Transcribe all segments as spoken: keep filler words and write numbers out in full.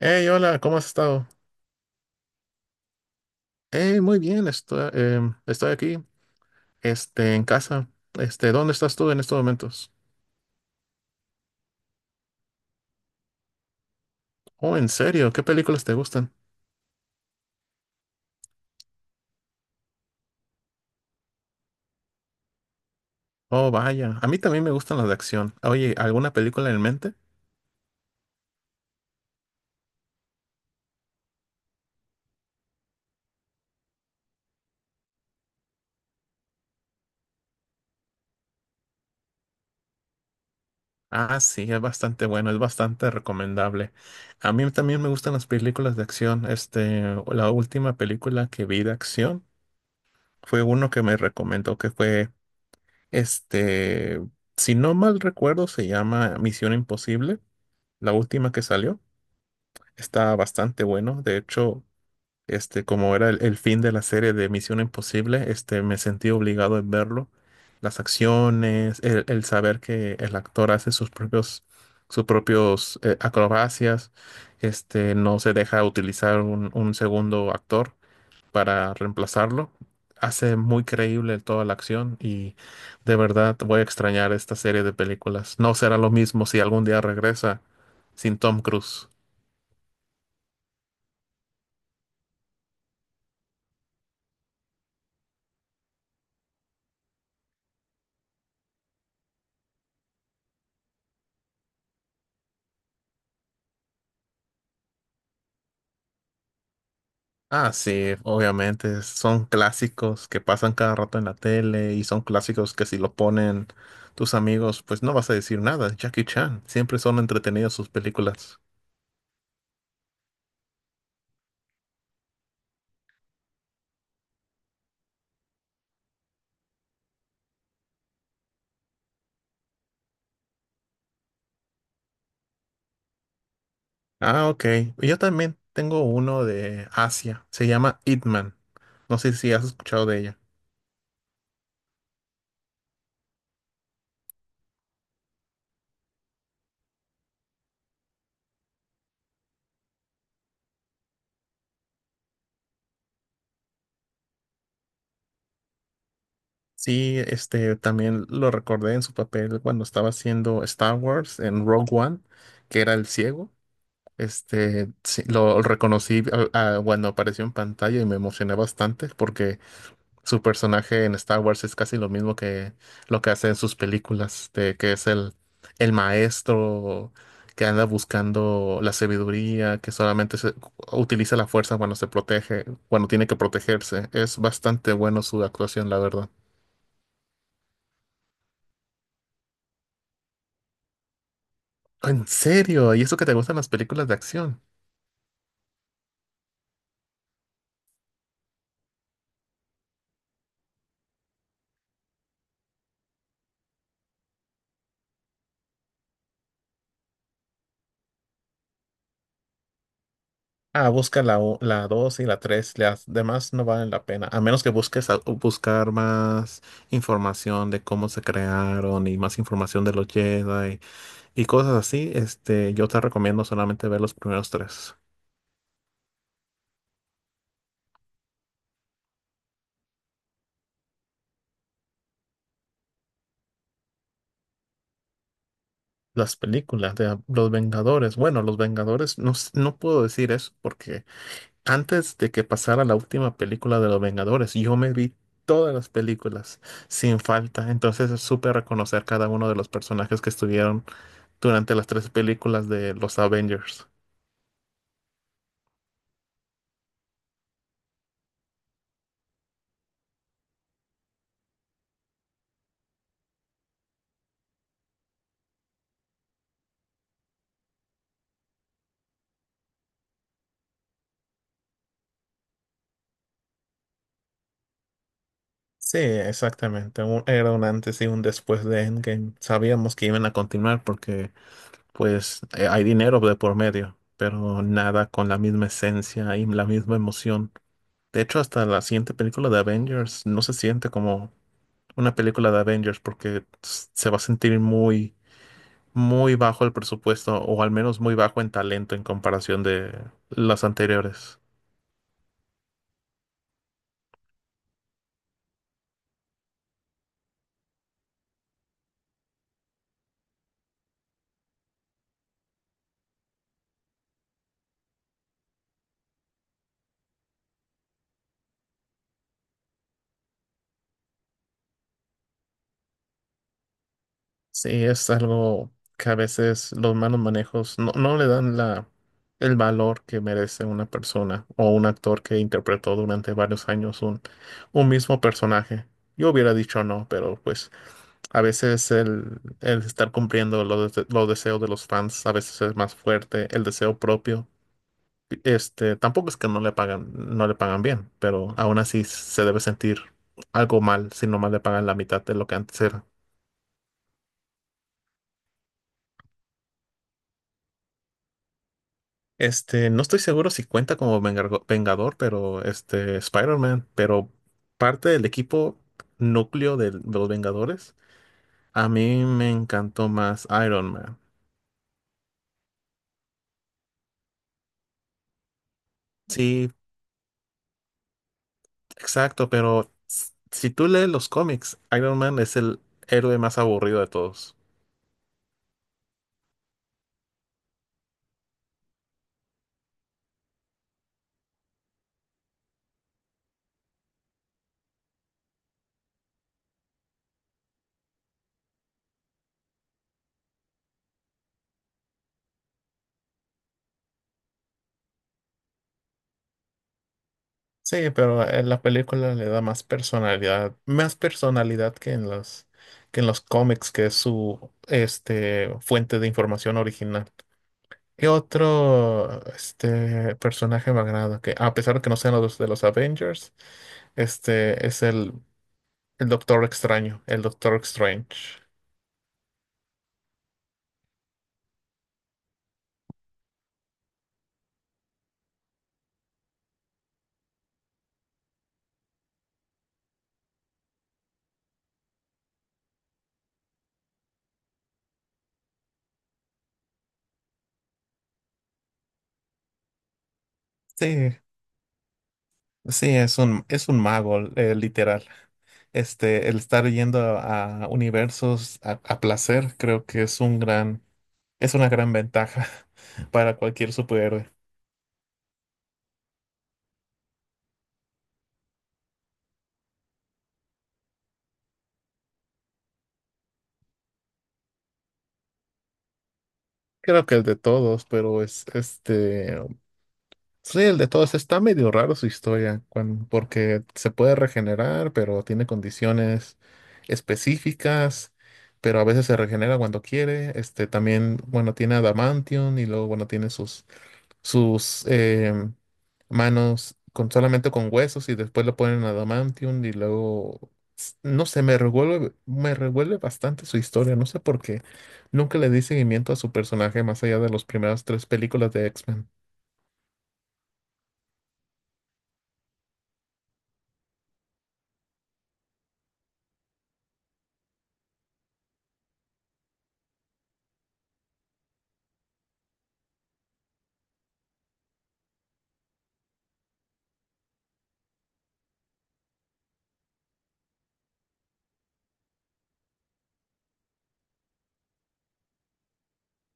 Hey, hola, ¿cómo has estado? Hey, muy bien, estoy, em, estoy aquí, este, en casa. Este, ¿dónde estás tú en estos momentos? Oh, ¿en serio? ¿Qué películas te gustan? Oh, vaya, a mí también me gustan las de acción. Oye, ¿alguna película en mente? Ah, sí, es bastante bueno, es bastante recomendable. A mí también me gustan las películas de acción. Este, la última película que vi de acción fue uno que me recomendó que fue, este, si no mal recuerdo, se llama Misión Imposible, la última que salió. Está bastante bueno. De hecho, este, como era el, el fin de la serie de Misión Imposible, este, me sentí obligado a verlo. Las acciones, el, el saber que el actor hace sus propios, sus propios eh, acrobacias, este, no se deja utilizar un, un segundo actor para reemplazarlo. Hace muy creíble toda la acción y de verdad voy a extrañar esta serie de películas. No será lo mismo si algún día regresa sin Tom Cruise. Ah, sí, obviamente. Son clásicos que pasan cada rato en la tele y son clásicos que si lo ponen tus amigos, pues no vas a decir nada. Jackie Chan, siempre son entretenidas sus películas. Ah, ok. Yo también tengo uno de Asia. Se llama Ip Man. No sé si has escuchado de ella. Sí, este también lo recordé en su papel cuando estaba haciendo Star Wars en Rogue One, que era el ciego. Este, sí, lo reconocí a- a- cuando apareció en pantalla y me emocioné bastante porque su personaje en Star Wars es casi lo mismo que lo que hace en sus películas, de que es el, el maestro que anda buscando la sabiduría, que solamente se- utiliza la fuerza cuando se protege, cuando tiene que protegerse. Es bastante bueno su actuación, la verdad. En serio, ¿y eso que te gustan las películas de acción? Ah, busca la, u- la dos y la tres, las demás no valen la pena, a menos que busques a- buscar más información de cómo se crearon y más información de los Jedi y cosas así, este, yo te recomiendo solamente ver los primeros tres. Las películas de Los Vengadores, bueno, Los Vengadores, no, s- no puedo decir eso porque antes de que pasara la última película de Los Vengadores, yo me vi todas las películas sin falta, entonces supe reconocer cada uno de los personajes que estuvieron durante las tres películas de los Avengers. Sí, exactamente. Un- era un antes y un después de Endgame. Sabíamos que iban a continuar porque, pues, eh, hay dinero de por medio, pero nada con la misma esencia y la misma emoción. De hecho, hasta la siguiente película de Avengers no se siente como una película de Avengers porque s- se va a sentir muy, muy bajo el presupuesto o al menos muy bajo en talento en comparación de las anteriores. Sí, es algo que a veces los malos manejos no, no le dan la, el valor que merece una persona o un actor que interpretó durante varios años un, un mismo personaje. Yo hubiera dicho no, pero pues a veces el, el estar cumpliendo los, dese- los deseos de los fans a veces es más fuerte, el deseo propio. Este, tampoco es que no le pagan, no le pagan bien, pero aún así se debe sentir algo mal si nomás le pagan la mitad de lo que antes era. Este, no estoy seguro si cuenta como vengargo- Vengador, pero este, Spider-Man, pero parte del equipo núcleo del- de, los Vengadores, a mí me encantó más Iron Man. Sí, exacto, pero s- si tú lees los cómics, Iron Man es el héroe más aburrido de todos. Sí, pero en la película le da más personalidad, más personalidad que en los, que en los cómics, que es su, este, fuente de información original. ¿Qué otro este, personaje me agrada? Que a pesar de que no sean los de los Avengers, este es el, el Doctor Extraño, el Doctor Strange. Sí, sí, es un, es un mago, eh, literal. Este, el estar yendo a, a universos a, a placer, creo que es un gran, es una gran ventaja para cualquier superhéroe. Creo que el de todos, pero es este. Sí, el de todos está medio raro su historia, cuan- porque se puede regenerar, pero tiene condiciones específicas, pero a veces se regenera cuando quiere. Este también, bueno, tiene adamantium y luego, bueno, tiene sus, sus em, manos con solamente con huesos y después lo ponen adamantium y luego, s- no sé, me revuelve, me revuelve bastante su historia, no sé por qué. Nunca le di seguimiento a su personaje más allá de las primeras tres películas de X-Men.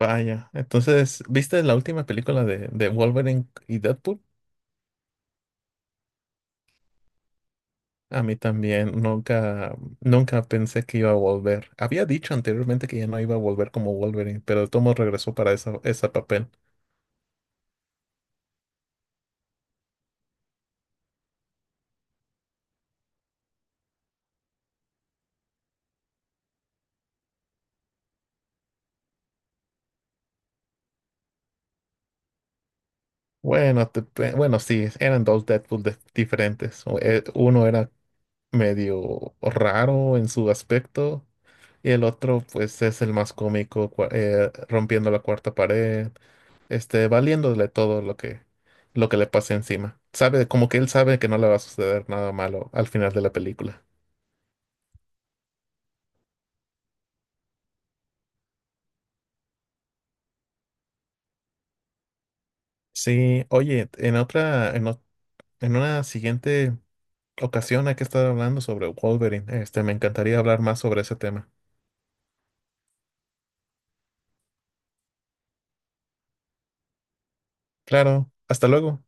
Vaya, entonces, ¿viste la última película de, de Wolverine y Deadpool? A mí también nunca, nunca pensé que iba a volver. Había dicho anteriormente que ya no iba a volver como Wolverine, pero el tomo regresó para esa, ese papel. Bueno, te pe- bueno, sí, eran dos Deadpool de- diferentes. O, eh, uno era medio raro en su aspecto. Y el otro, pues, es el más cómico, cua- eh, rompiendo la cuarta pared, este, valiéndole todo lo que, lo que le pase encima. Sabe, como que él sabe que no le va a suceder nada malo al final de la película. Sí, oye, en otra, en, ot- en una siguiente ocasión hay que estar hablando sobre Wolverine. Este, me encantaría hablar más sobre ese tema. Claro, hasta luego.